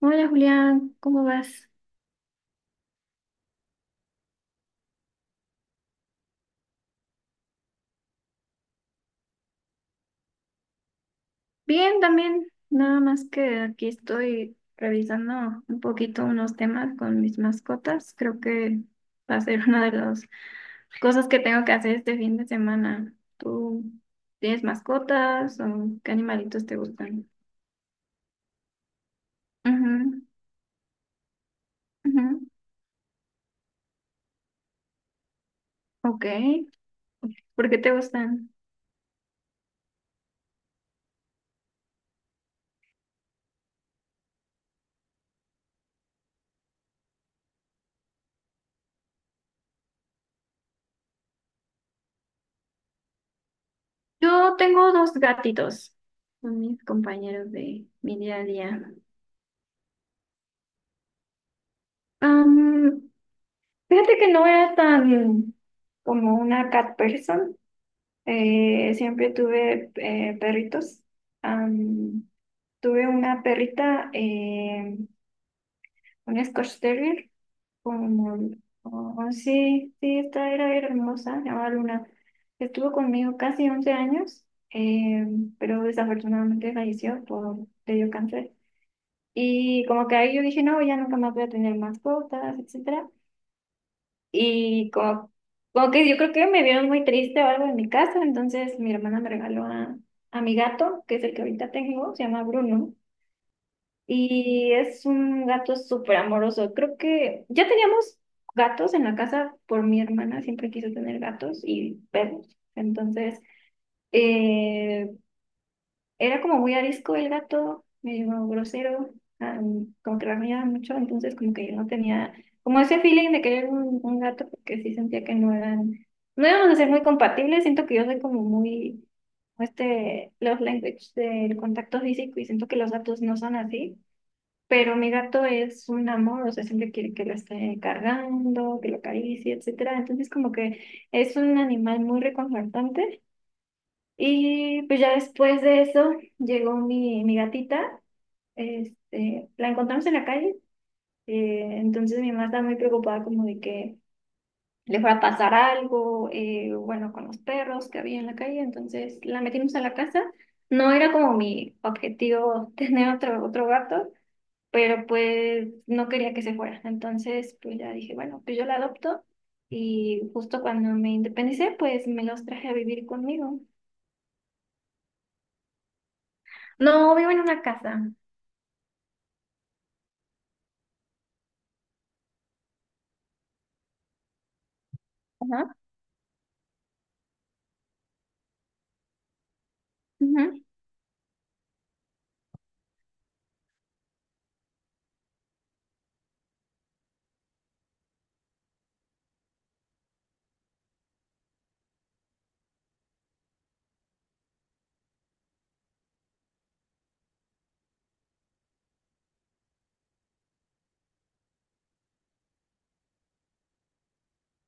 Hola Julián, ¿cómo vas? Bien también, nada más que aquí estoy revisando un poquito unos temas con mis mascotas. Creo que va a ser una de las cosas que tengo que hacer este fin de semana. ¿Tú tienes mascotas o qué animalitos te gustan? Ujú, ujú. Ok, ¿por qué te gustan? Yo tengo dos gatitos, son mis compañeros de mi día a día. Fíjate que no era tan como una cat person. Siempre tuve perritos. Am, Tuve una perrita, un Scotch Terrier, como, oh, sí, sí, esta era hermosa, se llamaba Luna. Estuvo conmigo casi 11 años, eh, pero desafortunadamente falleció le dio cáncer. Y como que ahí yo dije, no, ya nunca más voy a tener mascotas, etcétera. Y como que yo creo que me vieron muy triste o algo en mi casa, entonces mi hermana me regaló a mi gato, que es el que ahorita tengo, se llama Bruno, y es un gato súper amoroso. Creo que ya teníamos gatos en la casa por mi hermana, siempre quiso tener gatos y perros. Entonces, Eh, era como muy arisco el gato, medio grosero, ah, como que rasguñaba mucho, entonces como que yo no tenía como ese feeling de querer un gato porque sí sentía que no íbamos a ser muy compatibles, siento que yo soy como muy, este, love language del contacto físico y siento que los gatos no son así, pero mi gato es un amor, o sea, siempre quiere que lo esté cargando, que lo acaricie, etcétera, entonces como que es un animal muy reconfortante y pues ya después de eso llegó mi gatita, este, la encontramos en la calle, entonces mi mamá estaba muy preocupada como de que le fuera a pasar algo, bueno, con los perros que había en la calle, entonces la metimos a la casa. No era como mi objetivo tener otro gato, pero pues no quería que se fuera, entonces pues ya dije, bueno, pues yo la adopto y justo cuando me independicé, pues me los traje a vivir conmigo. No, vivo en una casa. Ajá, ujú.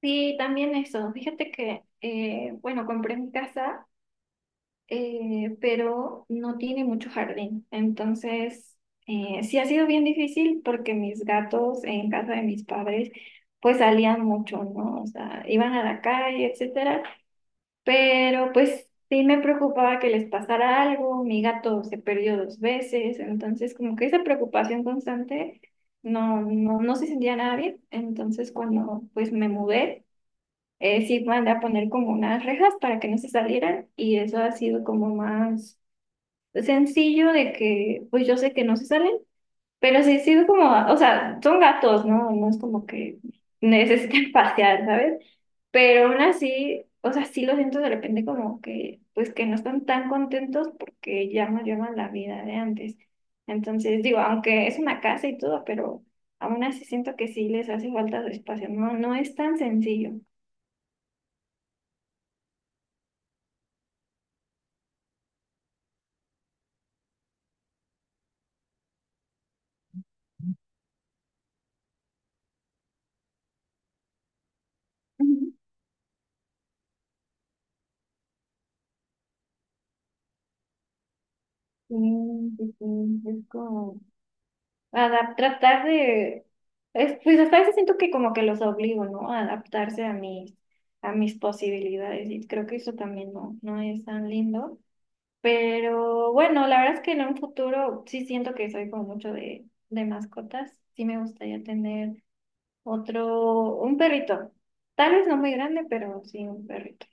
Sí, también eso. Fíjate que, bueno, compré mi casa, pero no tiene mucho jardín. Entonces, sí ha sido bien difícil porque mis gatos en casa de mis padres, pues salían mucho, ¿no? O sea, iban a la calle, etcétera. Pero pues sí me preocupaba que les pasara algo. Mi gato se perdió dos veces. Entonces, como que esa preocupación constante no, no, no se sentía nada bien. Entonces, cuando pues me mudé, sí mandé a poner como unas rejas para que no se salieran y eso ha sido como más sencillo de que pues yo sé que no se salen, pero sí ha sido como, o sea, son gatos, ¿no? No es como que necesiten pasear, ¿sabes? Pero aún así, o sea, sí lo siento de repente como que pues que no están tan contentos porque ya no llevan la vida de antes. Entonces, digo, aunque es una casa y todo, pero aún así siento que sí les hace falta su espacio, no, no es tan sencillo. Ujú. Sí, sí, sí, es como tratar de, es, pues hasta a veces siento que como que los obligo, ¿no? A adaptarse a a mis posibilidades y creo que eso también no, no es tan lindo. Pero bueno, la verdad es que en un futuro sí siento que soy como mucho de mascotas. Sí me gustaría tener un perrito. Tal vez no muy grande, pero sí un perrito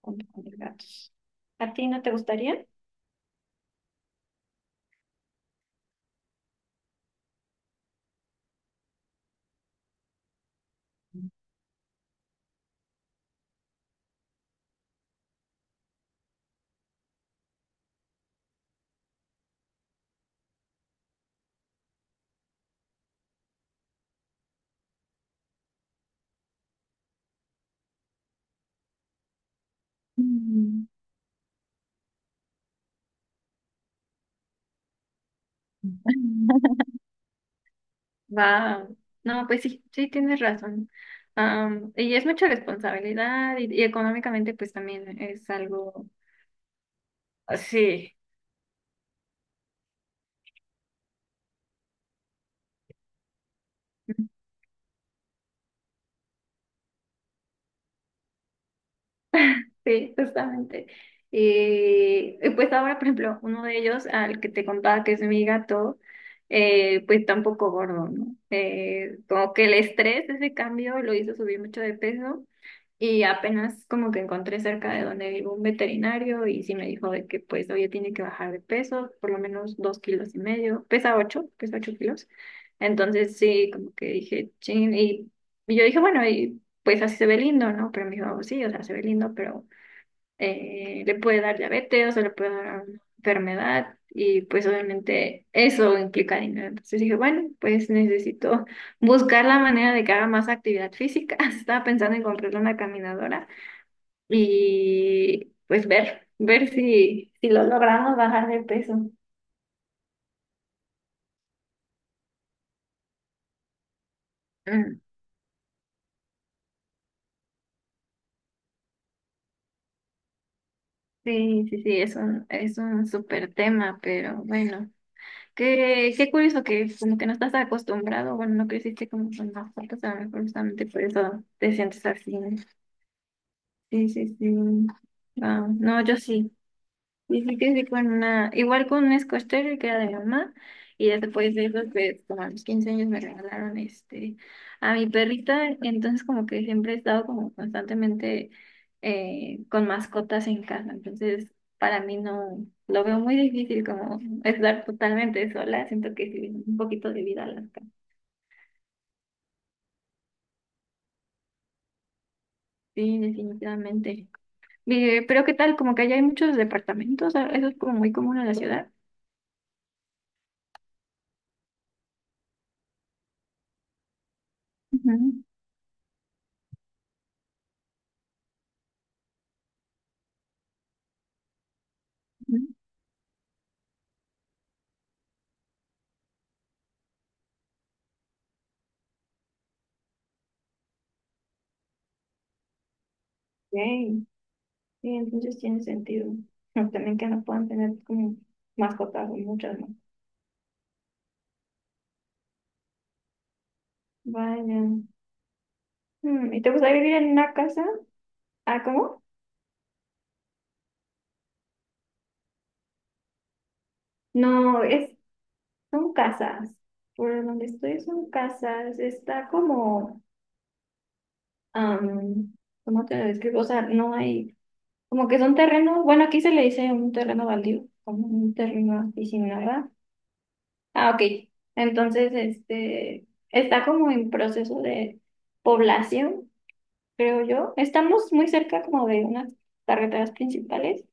junto con mis gatos. ¿A ti no te gustaría? Mm. Wow. No, pues sí, sí tienes razón. Y es mucha responsabilidad y económicamente pues también es algo. Ah, sí. Sí, justamente. Y pues ahora, por ejemplo, uno de ellos, al que te contaba que es mi gato, pues está un poco gordo, ¿no? Como que el estrés, ese cambio, lo hizo subir mucho de peso. Y apenas como que encontré cerca de donde vivo un veterinario y sí me dijo de que pues oye tiene que bajar de peso, por lo menos 2,5 kilos, pesa ocho kilos. Entonces sí, como que dije, chin, y yo dije, bueno, y pues así se ve lindo, ¿no? Pero me dijo, sí, o sea, se ve lindo, pero le puede dar diabetes, o sea, le puede dar una enfermedad y pues obviamente eso implica dinero. Entonces dije, bueno, pues necesito buscar la manera de que haga más actividad física. Estaba pensando en comprarle una caminadora y pues ver si lo logramos bajar de peso. Mm. Sí, sí, sí, es un súper tema, pero bueno. Qué curioso que es como que no estás acostumbrado, bueno, no creciste como con las fotos, a lo mejor justamente por eso te sientes así, ¿no? Sí, sí, sí. Ah, no, yo sí. Y sí que sí con una, igual con un Scotch Terrier que era de mi mamá, y ya después de eso, pues como a los 15 años me regalaron este a mi perrita, entonces como que siempre he estado como constantemente con mascotas en casa, entonces para mí no, lo veo muy difícil como estar totalmente sola, siento que sí, un poquito de vida a las casas. Sí, definitivamente. Pero ¿qué tal? Como que allá hay muchos departamentos, ah, eso es como muy común en la ciudad. Ujú, ujú. Ok. Sí, entonces tiene sentido. Pero también que no puedan tener como mascotas o muchas, ¿no? Vaya. ¿Y te gustaría vivir en una casa? Ah, ¿cómo? No, son casas. Por donde estoy son casas. Está como, am, ¿cómo te lo describo? O sea, no hay, como que son terrenos. Bueno, aquí se le dice un terreno baldío, como un terreno así sin nada. Ah, ok. Entonces, este, está como en proceso de población, creo yo. Estamos muy cerca como de unas carreteras principales,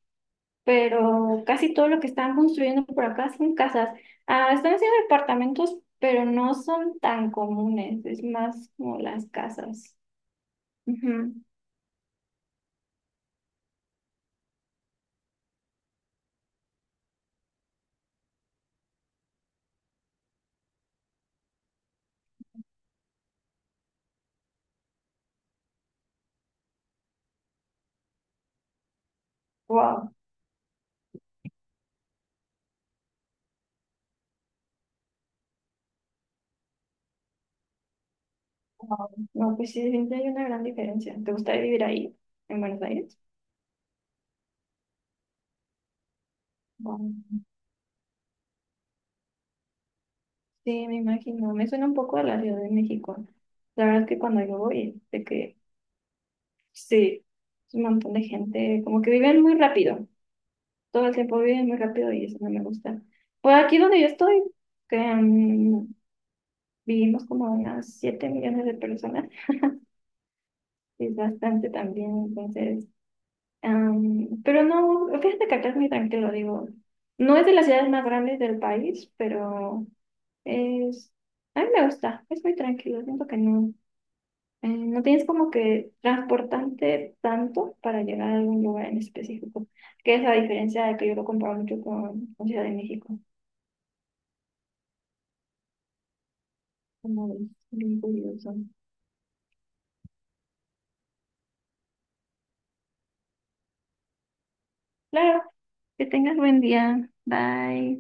pero casi todo lo que están construyendo por acá son casas. Ah, están haciendo departamentos, pero no son tan comunes, es más como las casas. Ujú. Wow, wow. No, pues sí, sí hay una gran diferencia. ¿Te gustaría vivir ahí, en Buenos Aires? Wow. Sí, me imagino. Me suena un poco a la Ciudad de México. La verdad es que cuando yo voy, de que sí, es un montón de gente, como que viven muy rápido. Todo el tiempo viven muy rápido y eso no me gusta. Por aquí donde yo estoy, que, vivimos como unas 7 millones de personas, es bastante también, entonces, pero no, fíjate que acá es muy tranquilo, digo, no es de las ciudades más grandes del país, pero es, a mí me gusta, es muy tranquilo, siento que no, no tienes como que transportarte tanto para llegar a algún lugar en específico, que es la diferencia de que yo lo comparo mucho con Ciudad de México. Como ves, bien curioso. Claro, que tengas buen día. Bye.